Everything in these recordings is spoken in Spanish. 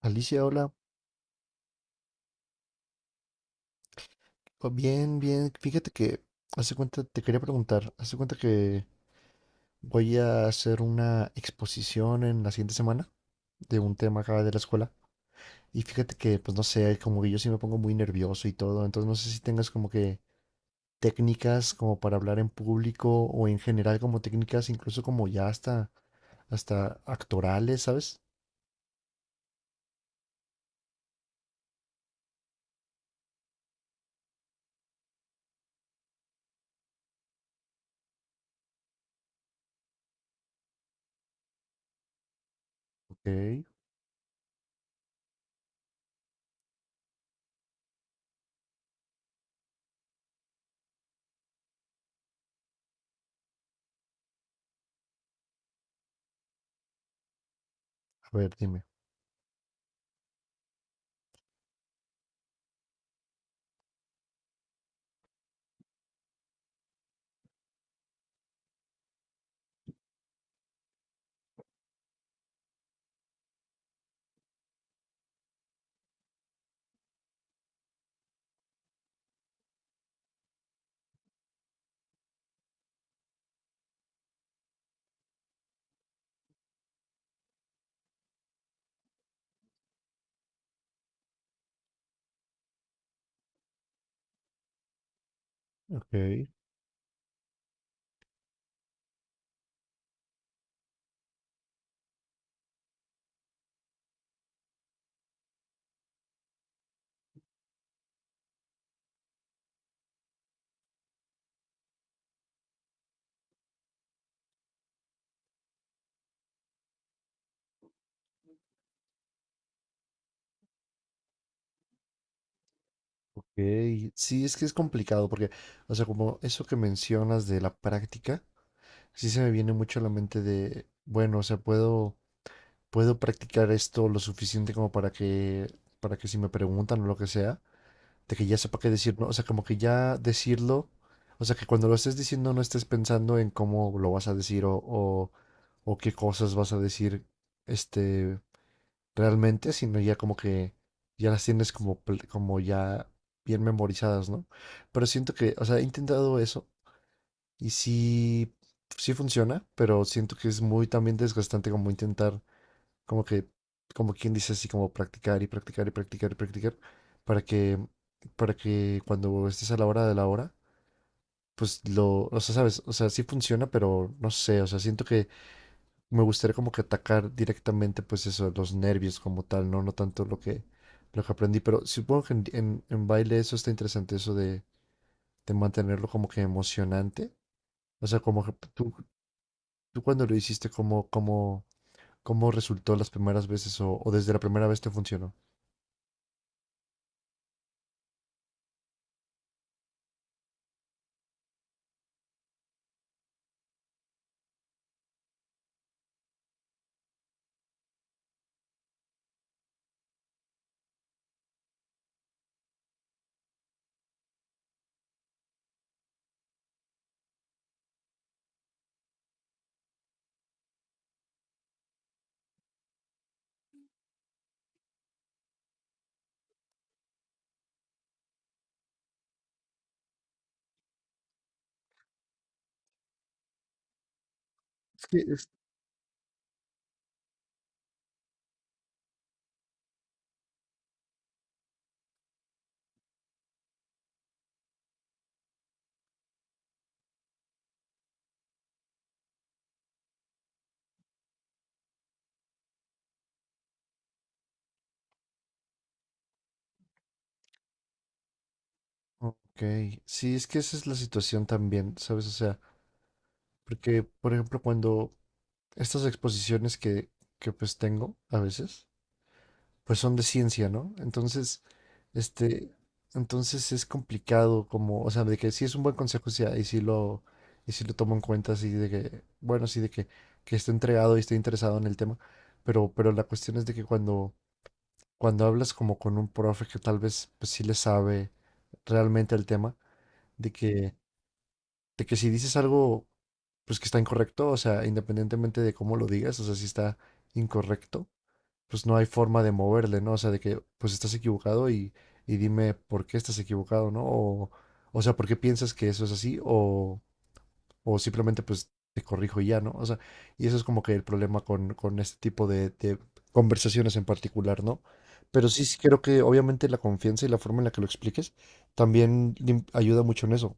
Alicia, hola. Oh, bien, bien. Fíjate que hace cuenta, te quería preguntar, hace cuenta que voy a hacer una exposición en la siguiente semana de un tema acá de la escuela. Y fíjate que, pues no sé, como que yo sí me pongo muy nervioso y todo. Entonces no sé si tengas como que técnicas como para hablar en público o en general como técnicas, incluso como ya hasta, actorales, ¿sabes? Ok. A ver, dime. Ok, ok. Sí, es que es complicado porque, o sea, como eso que mencionas de la práctica. Sí se me viene mucho a la mente de, bueno, o sea, puedo, practicar esto lo suficiente como para que si me preguntan o lo que sea, de que ya sepa qué decir, ¿no? O sea, como que ya decirlo, o sea, que cuando lo estés diciendo no estés pensando en cómo lo vas a decir o qué cosas vas a decir, este, realmente, sino ya como que ya las tienes como, como ya bien memorizadas, ¿no? Pero siento que, o sea, he intentado eso y sí, sí funciona, pero siento que es muy también desgastante como intentar, como que, como quien dice así, como practicar y practicar y practicar y practicar, para que, para que, cuando estés a la hora de la hora, pues lo, o sea, sabes, o sea, sí funciona, pero no sé, o sea, siento que me gustaría como que atacar directamente, pues eso, los nervios como tal, no, no tanto lo que, aprendí, pero supongo que en baile eso está interesante, eso de mantenerlo como que emocionante. O sea, ¿tú cuando lo hiciste, cómo, resultó las primeras veces o desde la primera vez te funcionó? Es que es- Ok, sí, es que esa es la situación también, ¿sabes? O sea, porque, por ejemplo, cuando estas exposiciones que pues tengo a veces, pues son de ciencia, ¿no? Entonces, este, entonces es complicado como, o sea, de que sí es un buen consejo, sí, y sí lo, tomo en cuenta, así de que, bueno, sí, de que esté entregado y esté interesado en el tema, pero, la cuestión es de que cuando hablas como con un profe que tal vez pues, sí le sabe realmente el tema, de que, de que si dices algo pues que está incorrecto, o sea, independientemente de cómo lo digas, o sea, si está incorrecto, pues no hay forma de moverle, ¿no? O sea, de que pues estás equivocado y, dime por qué estás equivocado, ¿no? O sea, ¿por qué piensas que eso es así? O simplemente pues te corrijo y ya, ¿no? O sea, y eso es como que el problema con, este tipo de conversaciones en particular, ¿no? Pero sí, sí creo que obviamente la confianza y la forma en la que lo expliques también ayuda mucho en eso.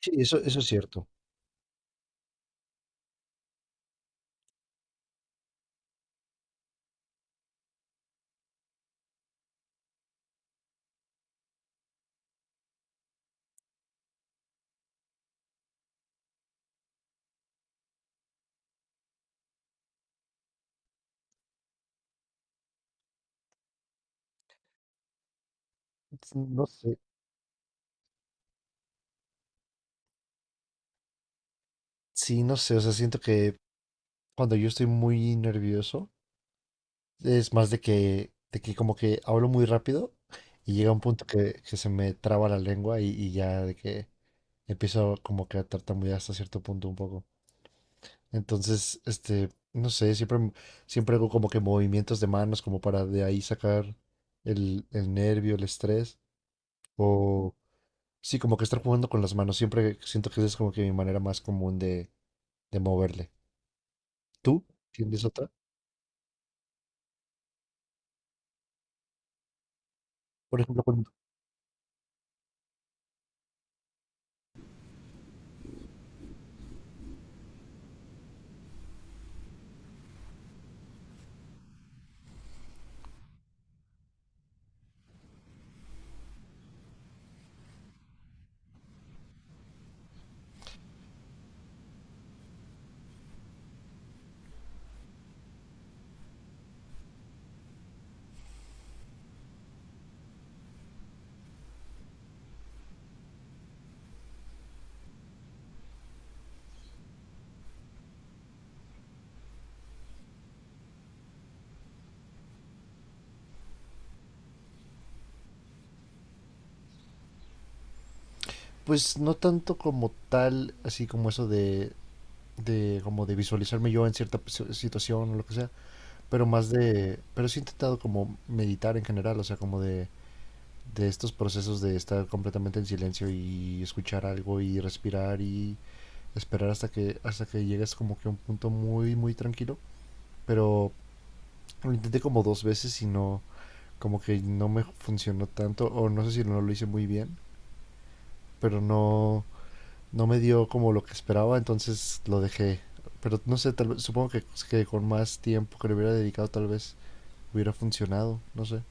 Sí, eso es cierto. No sé. Sí, no sé, o sea, siento que cuando yo estoy muy nervioso, es más de que, como que hablo muy rápido y llega un punto que, se me traba la lengua y ya de que empiezo como que a tartamudear hasta cierto punto un poco. Entonces, no sé, siempre hago como que movimientos de manos como para de ahí sacar el, nervio, el estrés. O sí, como que estar jugando con las manos. Siempre siento que esa es como que mi manera más común de, moverle. ¿Tú tienes otra? Por ejemplo, pues no tanto como tal, así como eso de como de visualizarme yo en cierta situación o lo que sea, pero sí he intentado como meditar en general, o sea, como de estos procesos de estar completamente en silencio y escuchar algo y respirar y esperar hasta que llegues como que a un punto muy muy tranquilo, pero lo intenté como dos veces y no, como que no me funcionó tanto o no sé si no lo hice muy bien, pero no me dio como lo que esperaba, entonces lo dejé. Pero no sé, tal vez supongo que con más tiempo que le hubiera dedicado tal vez hubiera funcionado, no sé.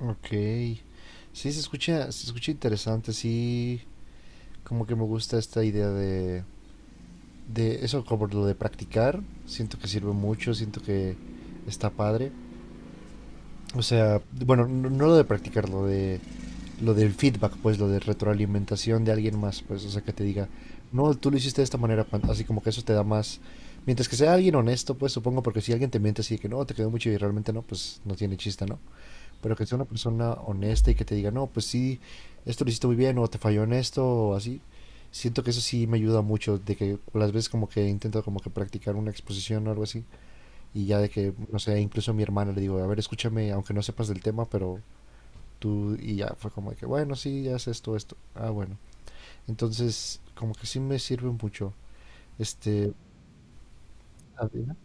Ok, sí, se escucha interesante. Sí, como que me gusta esta idea de eso, como lo de practicar. Siento que sirve mucho, siento que está padre. O sea, bueno, no, no lo de practicar, lo del feedback, pues lo de retroalimentación de alguien más, pues, o sea, que te diga, no, tú lo hiciste de esta manera, así como que eso te da más, mientras que sea alguien honesto, pues supongo, porque si alguien te miente así de que no, te quedó mucho y realmente no, pues no tiene chiste, ¿no? Pero que sea una persona honesta y que te diga, no, pues sí, esto lo hiciste muy bien o te falló en esto o así. Siento que eso sí me ayuda mucho, de que las veces como que intento como que practicar una exposición o algo así, y ya de que, no sé, incluso a mi hermana le digo, a ver, escúchame, aunque no sepas del tema, pero tú, y ya fue como de que, bueno, sí, ya es esto, esto, ah, bueno. Entonces, como que sí me sirve mucho. Este, ¿Adriana?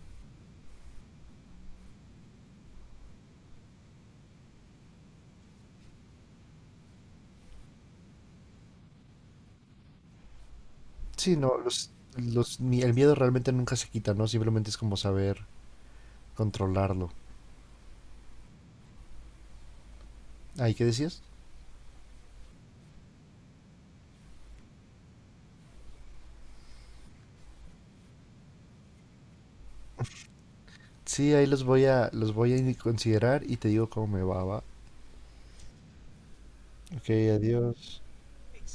Sí, no, los, ni- el miedo realmente nunca se quita, ¿no? Simplemente es como saber controlarlo. Ah, ¿y qué decías? Sí, ahí los voy a, considerar y te digo cómo me va, va. Ok, adiós.